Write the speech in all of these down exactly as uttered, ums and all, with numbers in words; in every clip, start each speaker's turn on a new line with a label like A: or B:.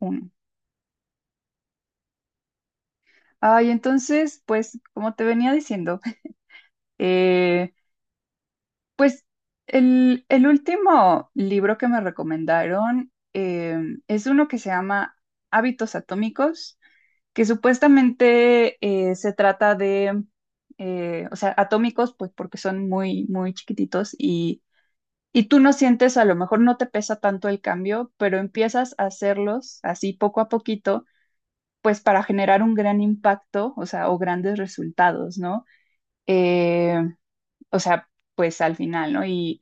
A: Uno. Ay, entonces, pues, como te venía diciendo, eh, pues el, el último libro que me recomendaron eh, es uno que se llama Hábitos Atómicos, que supuestamente eh, se trata de, eh, o sea, atómicos, pues porque son muy, muy chiquititos, y, y tú no sientes, a lo mejor no te pesa tanto el cambio, pero empiezas a hacerlos así poco a poquito, pues para generar un gran impacto, o sea, o grandes resultados, ¿no? eh, o sea, pues al final, ¿no? Y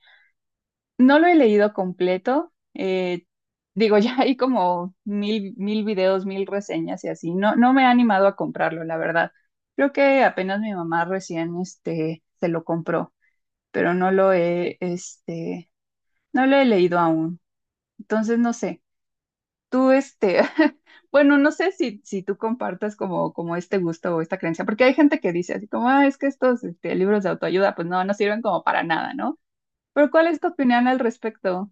A: no lo he leído completo. Eh, digo, ya hay como mil, mil videos, mil reseñas y así, no, no me ha animado a comprarlo, la verdad. Creo que apenas mi mamá recién, este, se lo compró, pero no lo he, este, no lo he leído aún, entonces no sé, tú, este... Bueno, no sé si, si tú compartas como, como este gusto o esta creencia, porque hay gente que dice así como, ah, es que estos este, libros de autoayuda, pues no, no sirven como para nada, ¿no? ¿Pero cuál es tu opinión al respecto?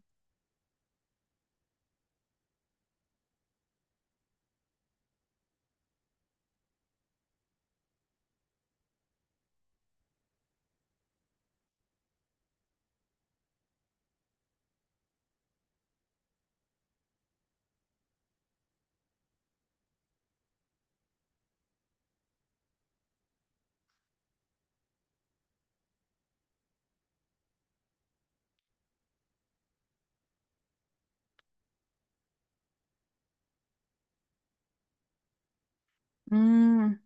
A: Mm,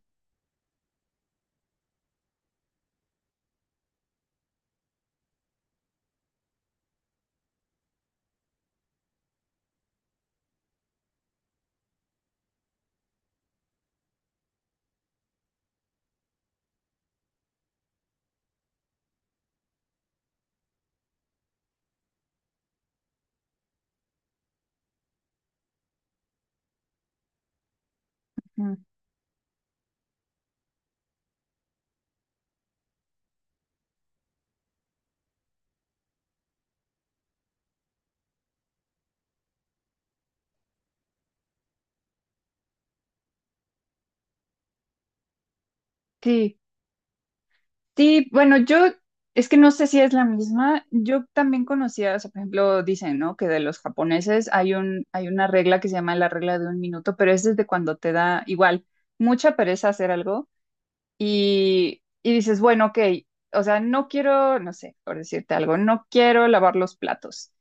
A: ujú. Sí, sí, bueno, yo es que no sé si es la misma. Yo también conocía, o sea, por ejemplo, dicen, ¿no? Que de los japoneses hay un, hay una regla que se llama la regla de un minuto, pero es desde cuando te da igual mucha pereza hacer algo, y, y dices, bueno, ok, o sea, no quiero, no sé, por decirte algo, no quiero lavar los platos.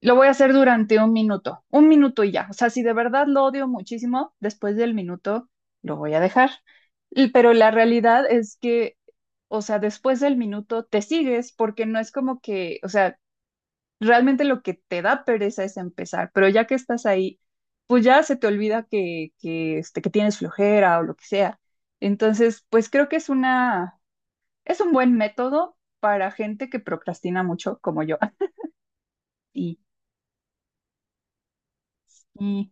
A: Lo voy a hacer durante un minuto, un minuto y ya. O sea, si de verdad lo odio muchísimo, después del minuto lo voy a dejar. Y- Pero la realidad es que, o sea, después del minuto te sigues, porque no es como que, o sea, realmente lo que te da pereza es empezar, pero ya que estás ahí, pues ya se te olvida que, que, este, que tienes flojera o lo que sea. Entonces, pues creo que es una, es un buen método para gente que procrastina mucho como yo. Y, y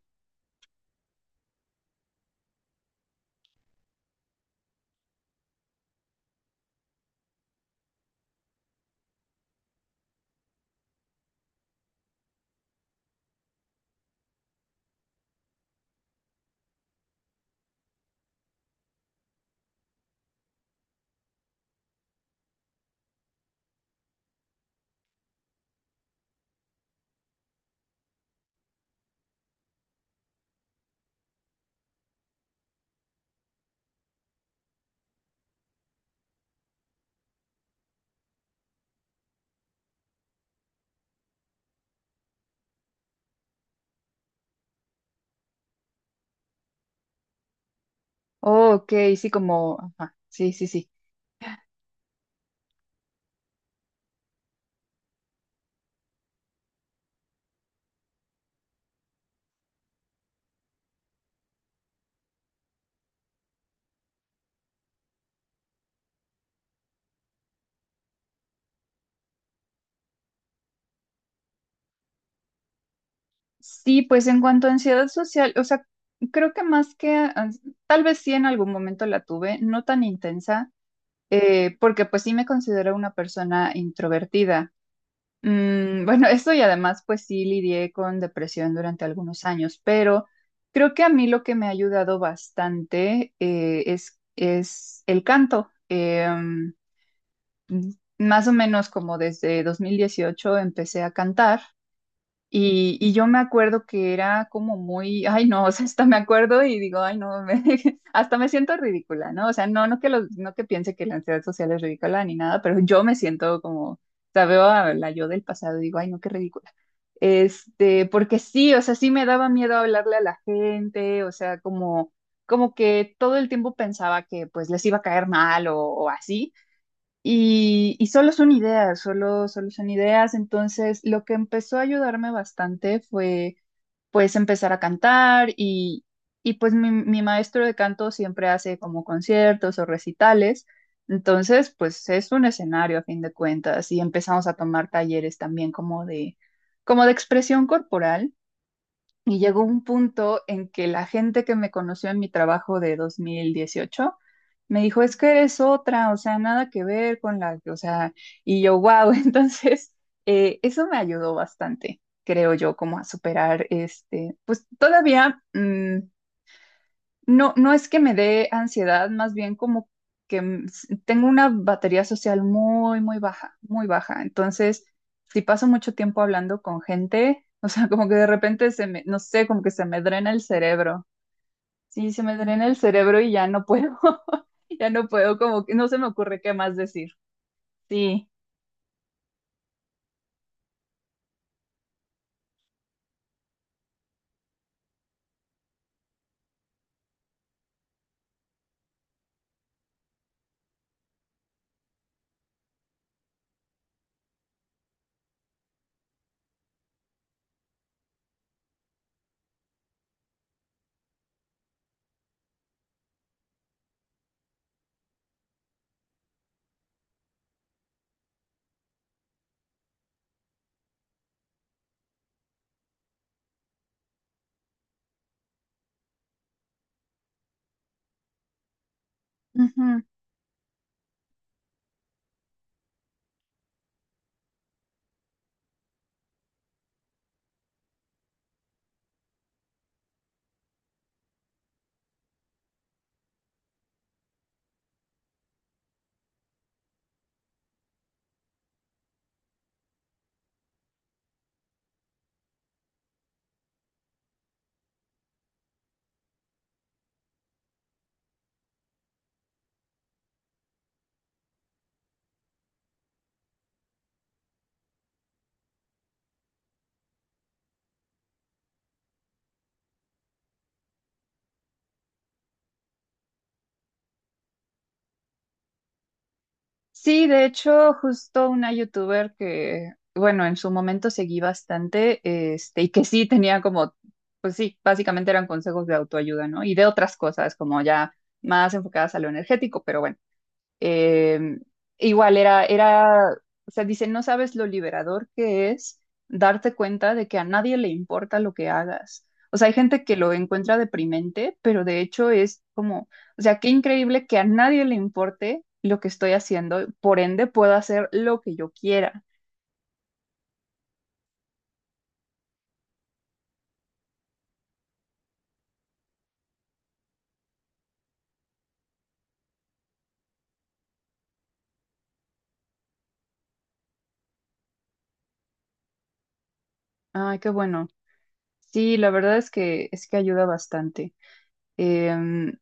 A: Oh, ok, sí, como, ajá, sí, sí, sí. Sí, pues en cuanto a ansiedad social, o sea, creo que más que, ans- tal vez sí en algún momento la tuve, no tan intensa, eh, porque pues sí me considero una persona introvertida. Mm, bueno, eso, y además pues sí lidié con depresión durante algunos años, pero creo que a mí lo que me ha ayudado bastante eh, es, es el canto. Em, más o menos como desde dos mil dieciocho empecé a cantar. Y, y yo me acuerdo que era como muy, ay no, o sea, hasta me acuerdo y digo, ay no, me- hasta me siento ridícula, ¿no? O sea, no, no que los, no que piense que la ansiedad social es ridícula ni nada, pero yo me siento como, o sea, veo a la yo del pasado y digo, ay no, qué ridícula. Este, porque sí, o sea, sí me daba miedo hablarle a la gente, o sea, como, como que todo el tiempo pensaba que pues les iba a caer mal o, o así. Y, y solo son ideas, solo, solo son ideas. Entonces, lo que empezó a ayudarme bastante fue, pues, empezar a cantar, y, y pues mi, mi maestro de canto siempre hace como conciertos o recitales. Entonces, pues es un escenario a fin de cuentas, y empezamos a tomar talleres también como de, como de expresión corporal. Y llegó un punto en que la gente que me conoció en mi trabajo de dos mil dieciocho me dijo, es que eres otra, o sea, nada que ver con la, o sea, y yo, wow. Entonces, eh, eso me ayudó bastante, creo yo, como a superar este, pues todavía, mm, no, no es que me dé ansiedad, más bien como que m- s- tengo una batería social muy, muy baja, muy baja. Entonces, si paso mucho tiempo hablando con gente, o sea, como que de repente se me, no sé, como que se me drena el cerebro. Sí, se me drena el cerebro y ya no puedo, ya no puedo, como que no se me ocurre qué más decir. Sí. Sí, de hecho, justo una youtuber que, bueno, en su momento seguí bastante, este, y que sí tenía como, pues sí, básicamente eran consejos de autoayuda, ¿no? Y de otras cosas, como ya más enfocadas a lo energético, pero bueno. Eh, Igual era, era, o sea, dice, no sabes lo liberador que es darte cuenta de que a nadie le importa lo que hagas. O sea, hay gente que lo encuentra deprimente, pero de hecho es como, o sea, qué increíble que a nadie le importe lo que estoy haciendo, por ende puedo hacer lo que yo quiera. Ay, qué bueno. Sí, la verdad es que es que ayuda bastante. Em,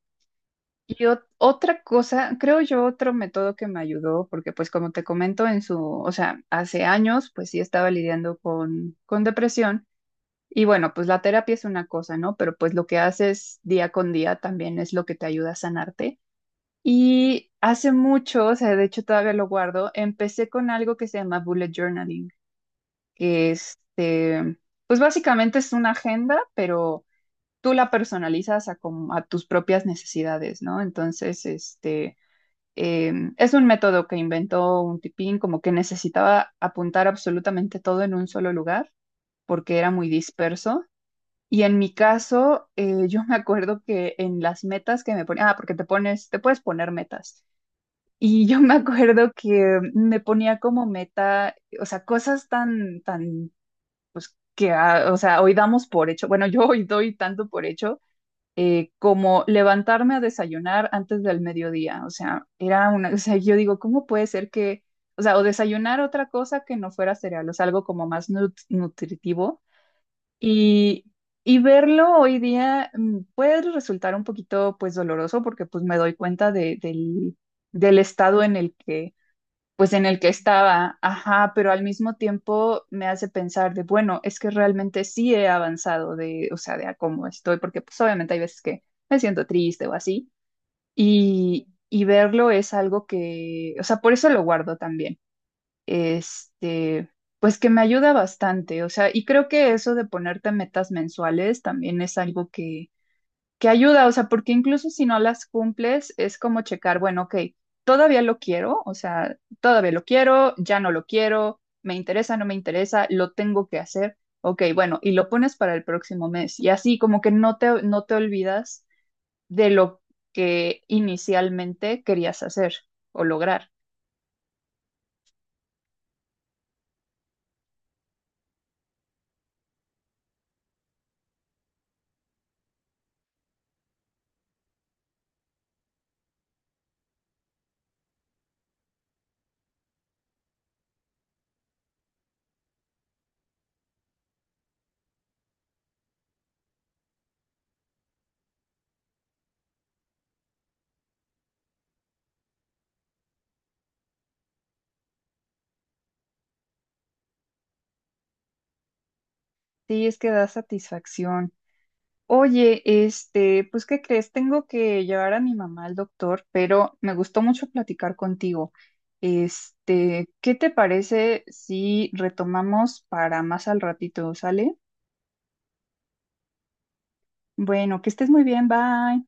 A: Y ot- otra cosa, creo yo, otro método que me ayudó, porque pues como te comento en su, o sea, hace años pues sí estaba lidiando con, con depresión, y bueno, pues la terapia es una cosa, ¿no? Pero pues lo que haces día con día también es lo que te ayuda a sanarte. Y hace mucho, o sea, de hecho todavía lo guardo, empecé con algo que se llama bullet journaling, que, este, pues básicamente es una agenda, pero tú la personalizas a, como- a tus propias necesidades, ¿no? Entonces, este, eh, es un método que inventó un tipín, como que necesitaba apuntar absolutamente todo en un solo lugar, porque era muy disperso. Y en mi caso, eh, yo me acuerdo que en las metas que me ponía, ah, porque te pones, te puedes poner metas. Y yo me acuerdo que me ponía como meta, o sea, cosas tan, tan que, ah, o sea, hoy damos por hecho, bueno, yo hoy doy tanto por hecho eh, como levantarme a desayunar antes del mediodía. O sea, era una, o sea, yo digo, ¿cómo puede ser que, o sea, o desayunar otra cosa que no fuera cereal, o sea, algo como más nut- nutritivo? Y, y verlo hoy día, mm, puede resultar un poquito, pues, doloroso, porque, pues, me doy cuenta de, del, del estado en el que, pues, en el que estaba, ajá, pero al mismo tiempo me hace pensar de, bueno, es que realmente sí he avanzado de, o sea, de a cómo estoy, porque pues obviamente hay veces que me siento triste o así, y, y verlo es algo que, o sea, por eso lo guardo también, este, pues que me ayuda bastante, o sea, y creo que eso de ponerte metas mensuales también es algo que que ayuda, o sea, porque incluso si no las cumples, es como checar, bueno, ok, todavía lo quiero, o sea, todavía lo quiero, ya no lo quiero, me interesa, no me interesa, lo tengo que hacer, ok, bueno, y lo pones para el próximo mes. Y así como que no te, no te olvidas de lo que inicialmente querías hacer o lograr. Sí, es que da satisfacción. Oye, este, pues, ¿qué crees? Tengo que llevar a mi mamá al doctor, pero me gustó mucho platicar contigo. Este, ¿qué te parece si retomamos para más al ratito? ¿Sale? Bueno, que estés muy bien, bye.